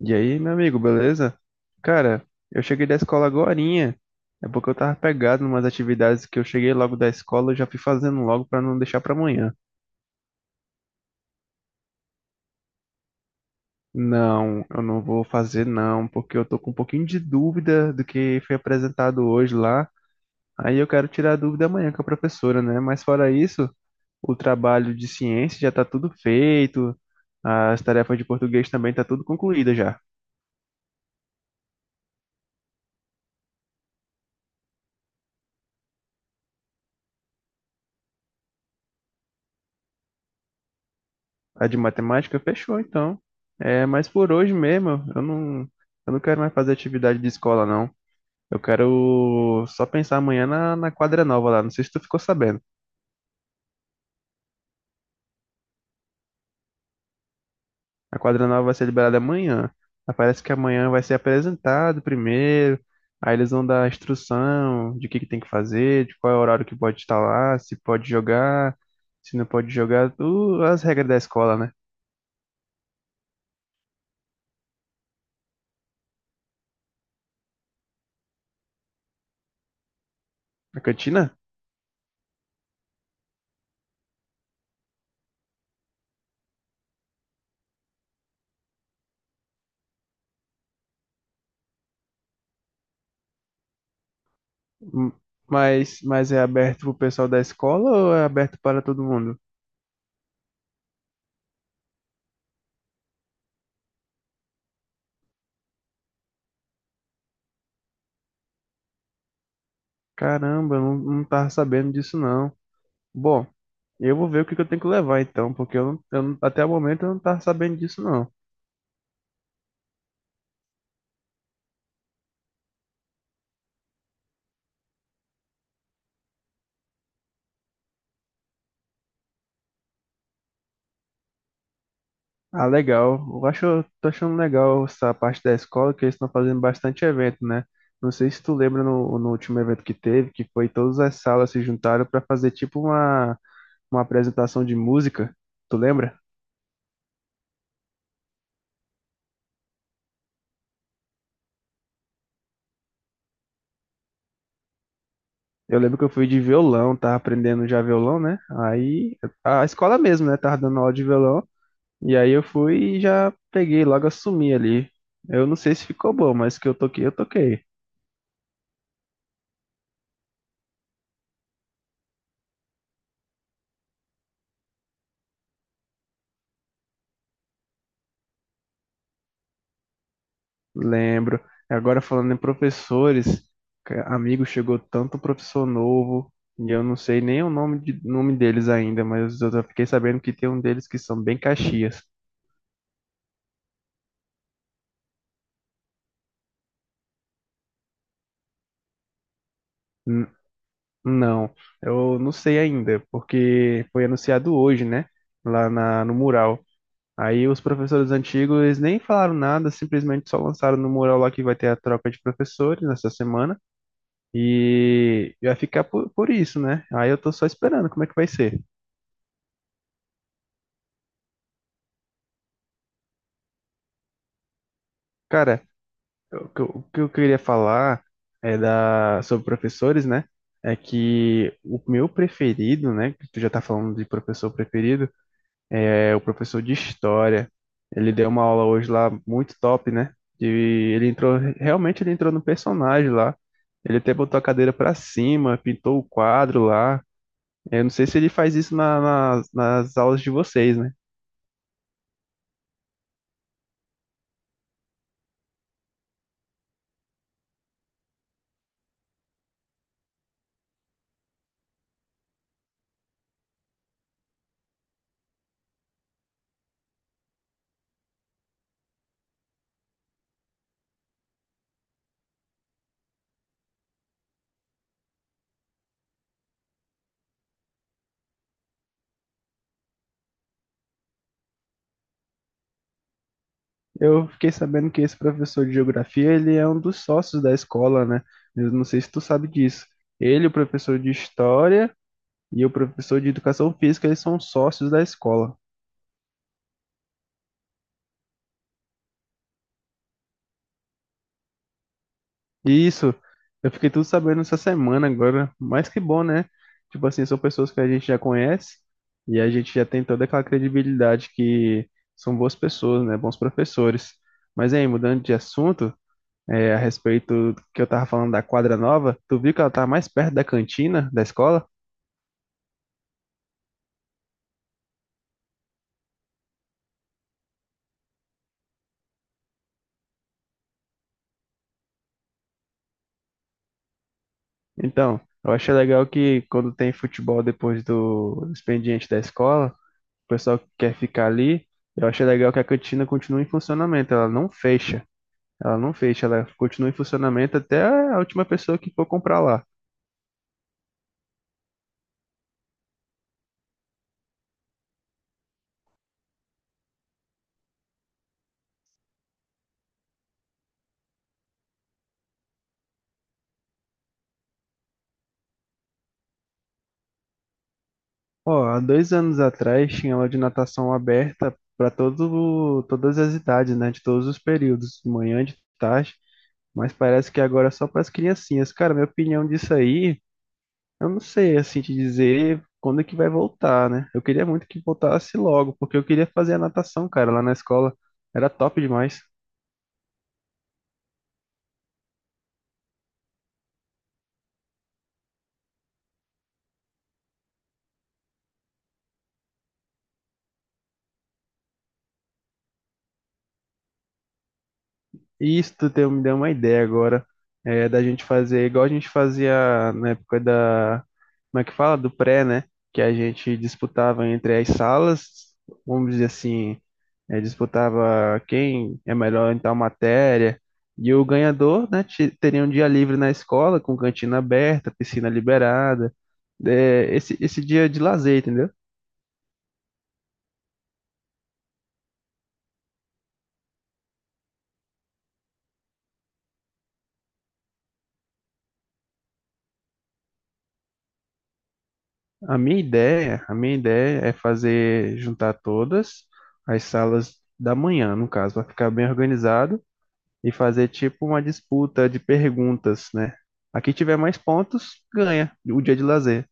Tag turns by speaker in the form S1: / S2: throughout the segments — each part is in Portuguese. S1: E aí, meu amigo, beleza? Cara, eu cheguei da escola agorinha. É porque eu tava pegado numas atividades que eu cheguei logo da escola, eu já fui fazendo logo pra não deixar pra amanhã. Não, eu não vou fazer não, porque eu tô com um pouquinho de dúvida do que foi apresentado hoje lá. Aí eu quero tirar a dúvida amanhã com a professora, né? Mas fora isso, o trabalho de ciência já tá tudo feito, as tarefas de português também tá tudo concluída já. A de matemática fechou, então. É, mas por hoje mesmo, eu não quero mais fazer atividade de escola, não. Eu quero só pensar amanhã na quadra nova lá. Não sei se tu ficou sabendo. A quadra nova vai ser liberada amanhã. Mas parece que amanhã vai ser apresentado primeiro. Aí eles vão dar a instrução de o que que tem que fazer, de qual é o horário que pode estar lá, se pode jogar, se não pode jogar, tu, as regras da escola, né? A cantina? M- mas é aberto pro pessoal da escola ou é aberto para todo mundo? Caramba, eu não, não tava sabendo disso não. Bom, eu vou ver o que que eu tenho que levar então, porque eu não- até o momento eu não tava sabendo disso não. Ah, legal. Eu acho, eu tô achando legal essa parte da escola, que eles estão fazendo bastante evento, né? Não sei se tu lembra no último evento que teve, que foi todas as salas se juntaram para fazer tipo uma apresentação de música. Tu lembra? Eu lembro que eu fui de violão, tava aprendendo já violão, né? Aí a escola mesmo, né? Tava dando aula de violão. E aí eu fui e já peguei, logo assumi ali. Eu não sei se ficou bom, mas que eu toquei, eu toquei. Lembro. Agora falando em professores, amigo, chegou tanto professor novo, e eu não sei nem o nome, nome deles ainda, mas eu já fiquei sabendo que tem um deles que são bem Caxias. N- não, eu não sei ainda, porque foi anunciado hoje, né? No mural. Aí os professores antigos eles nem falaram nada, simplesmente só lançaram no mural lá que vai ter a troca de professores nessa semana e vai ficar por isso, né? Aí eu tô só esperando como é que vai ser. Cara, o que eu queria falar é da sobre professores, né? É que o meu preferido, né? Que tu já tá falando de professor preferido, é, o professor de história. Ele deu uma aula hoje lá muito top, né? E ele entrou, realmente ele entrou no personagem lá. Ele até botou a cadeira para cima, pintou o quadro lá. Eu não sei se ele faz isso nas aulas de vocês, né? Eu fiquei sabendo que esse professor de geografia, ele é um dos sócios da escola, né? Eu não sei se tu sabe disso. Ele, o professor de história e o professor de educação física, eles são sócios da escola. Isso, eu fiquei tudo sabendo essa semana agora, mas que bom, né? Tipo assim, são pessoas que a gente já conhece e a gente já tem toda aquela credibilidade que são boas pessoas, né? Bons professores. Mas aí, mudando de assunto, é, a respeito do que eu tava falando da quadra nova, tu viu que ela tá mais perto da cantina da escola? Então, eu achei legal que quando tem futebol depois do expediente da escola, o pessoal que quer ficar ali, eu achei legal que a cantina continua em funcionamento, ela não fecha. Ela não fecha, ela continua em funcionamento até a última pessoa que for comprar lá. Ó, há dois anos atrás tinha aula de natação aberta para todas as idades, né? De todos os períodos, de manhã, de tarde, mas parece que agora é só para as criancinhas. Cara, minha opinião disso aí, eu não sei assim te dizer quando é que vai voltar, né? Eu queria muito que voltasse logo, porque eu queria fazer a natação, cara, lá na escola. Era top demais. E me deu uma ideia agora, é, da gente fazer igual a gente fazia na época da, como é que fala? Do pré, né? Que a gente disputava entre as salas, vamos dizer assim, é, disputava quem é melhor em tal matéria, e o ganhador, né, teria um dia livre na escola, com cantina aberta, piscina liberada, é, esse dia de lazer, entendeu? A minha ideia é fazer juntar todas as salas da manhã, no caso, para ficar bem organizado e fazer tipo uma disputa de perguntas, né? A que tiver mais pontos ganha o dia de lazer.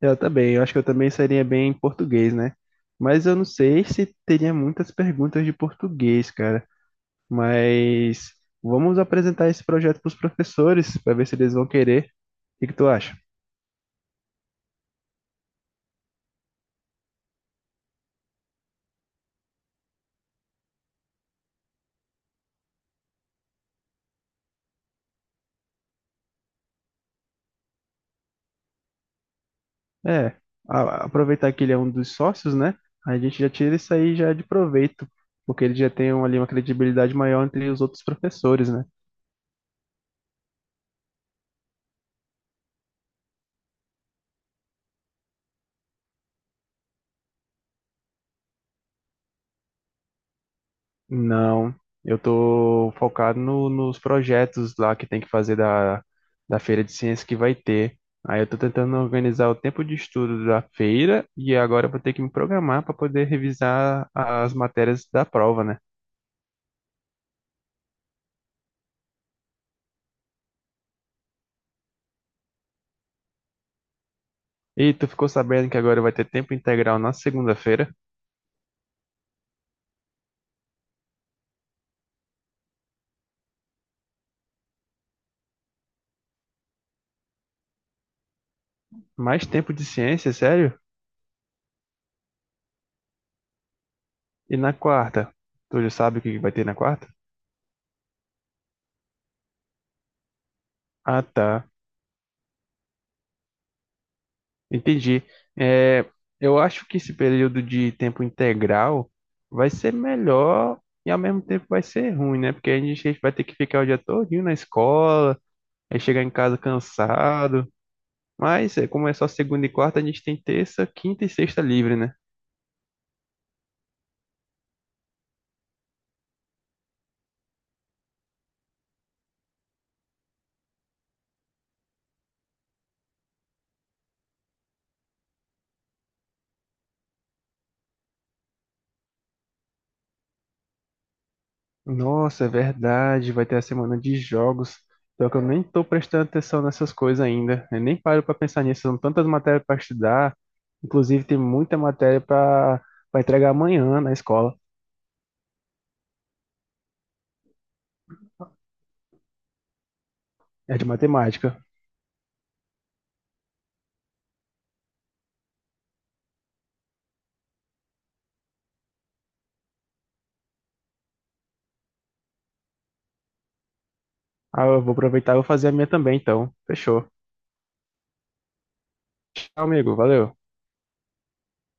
S1: Eu também, eu acho que eu também seria bem em português, né? Mas eu não sei se teria muitas perguntas de português, cara. Mas vamos apresentar esse projeto para os professores para ver se eles vão querer. O que que tu acha? É, aproveitar que ele é um dos sócios, né? A gente já tira isso aí já de proveito, porque ele já tem ali uma credibilidade maior entre os outros professores, né? Não, eu tô focado nos projetos lá que tem que fazer da, da feira de ciência que vai ter. Aí eu tô tentando organizar o tempo de estudo da feira e agora eu vou ter que me programar para poder revisar as matérias da prova, né? E tu ficou sabendo que agora vai ter tempo integral na segunda-feira? Mais tempo de ciência, sério? E na quarta? Tu já sabe o que vai ter na quarta? Ah, tá. Entendi. É, eu acho que esse período de tempo integral vai ser melhor e ao mesmo tempo vai ser ruim, né? Porque a gente vai ter que ficar o dia todinho na escola, aí chegar em casa cansado. Mas é, como é só segunda e quarta, a gente tem terça, quinta e sexta livre, né? Nossa, é verdade, vai ter a semana de jogos. Só que eu nem tô prestando atenção nessas coisas ainda. Eu nem paro pra pensar nisso. São tantas matérias pra estudar. Inclusive, tem muita matéria pra para entregar amanhã na escola. É de matemática. Ah, eu vou aproveitar e vou fazer a minha também, então. Fechou. Tchau, amigo. Valeu.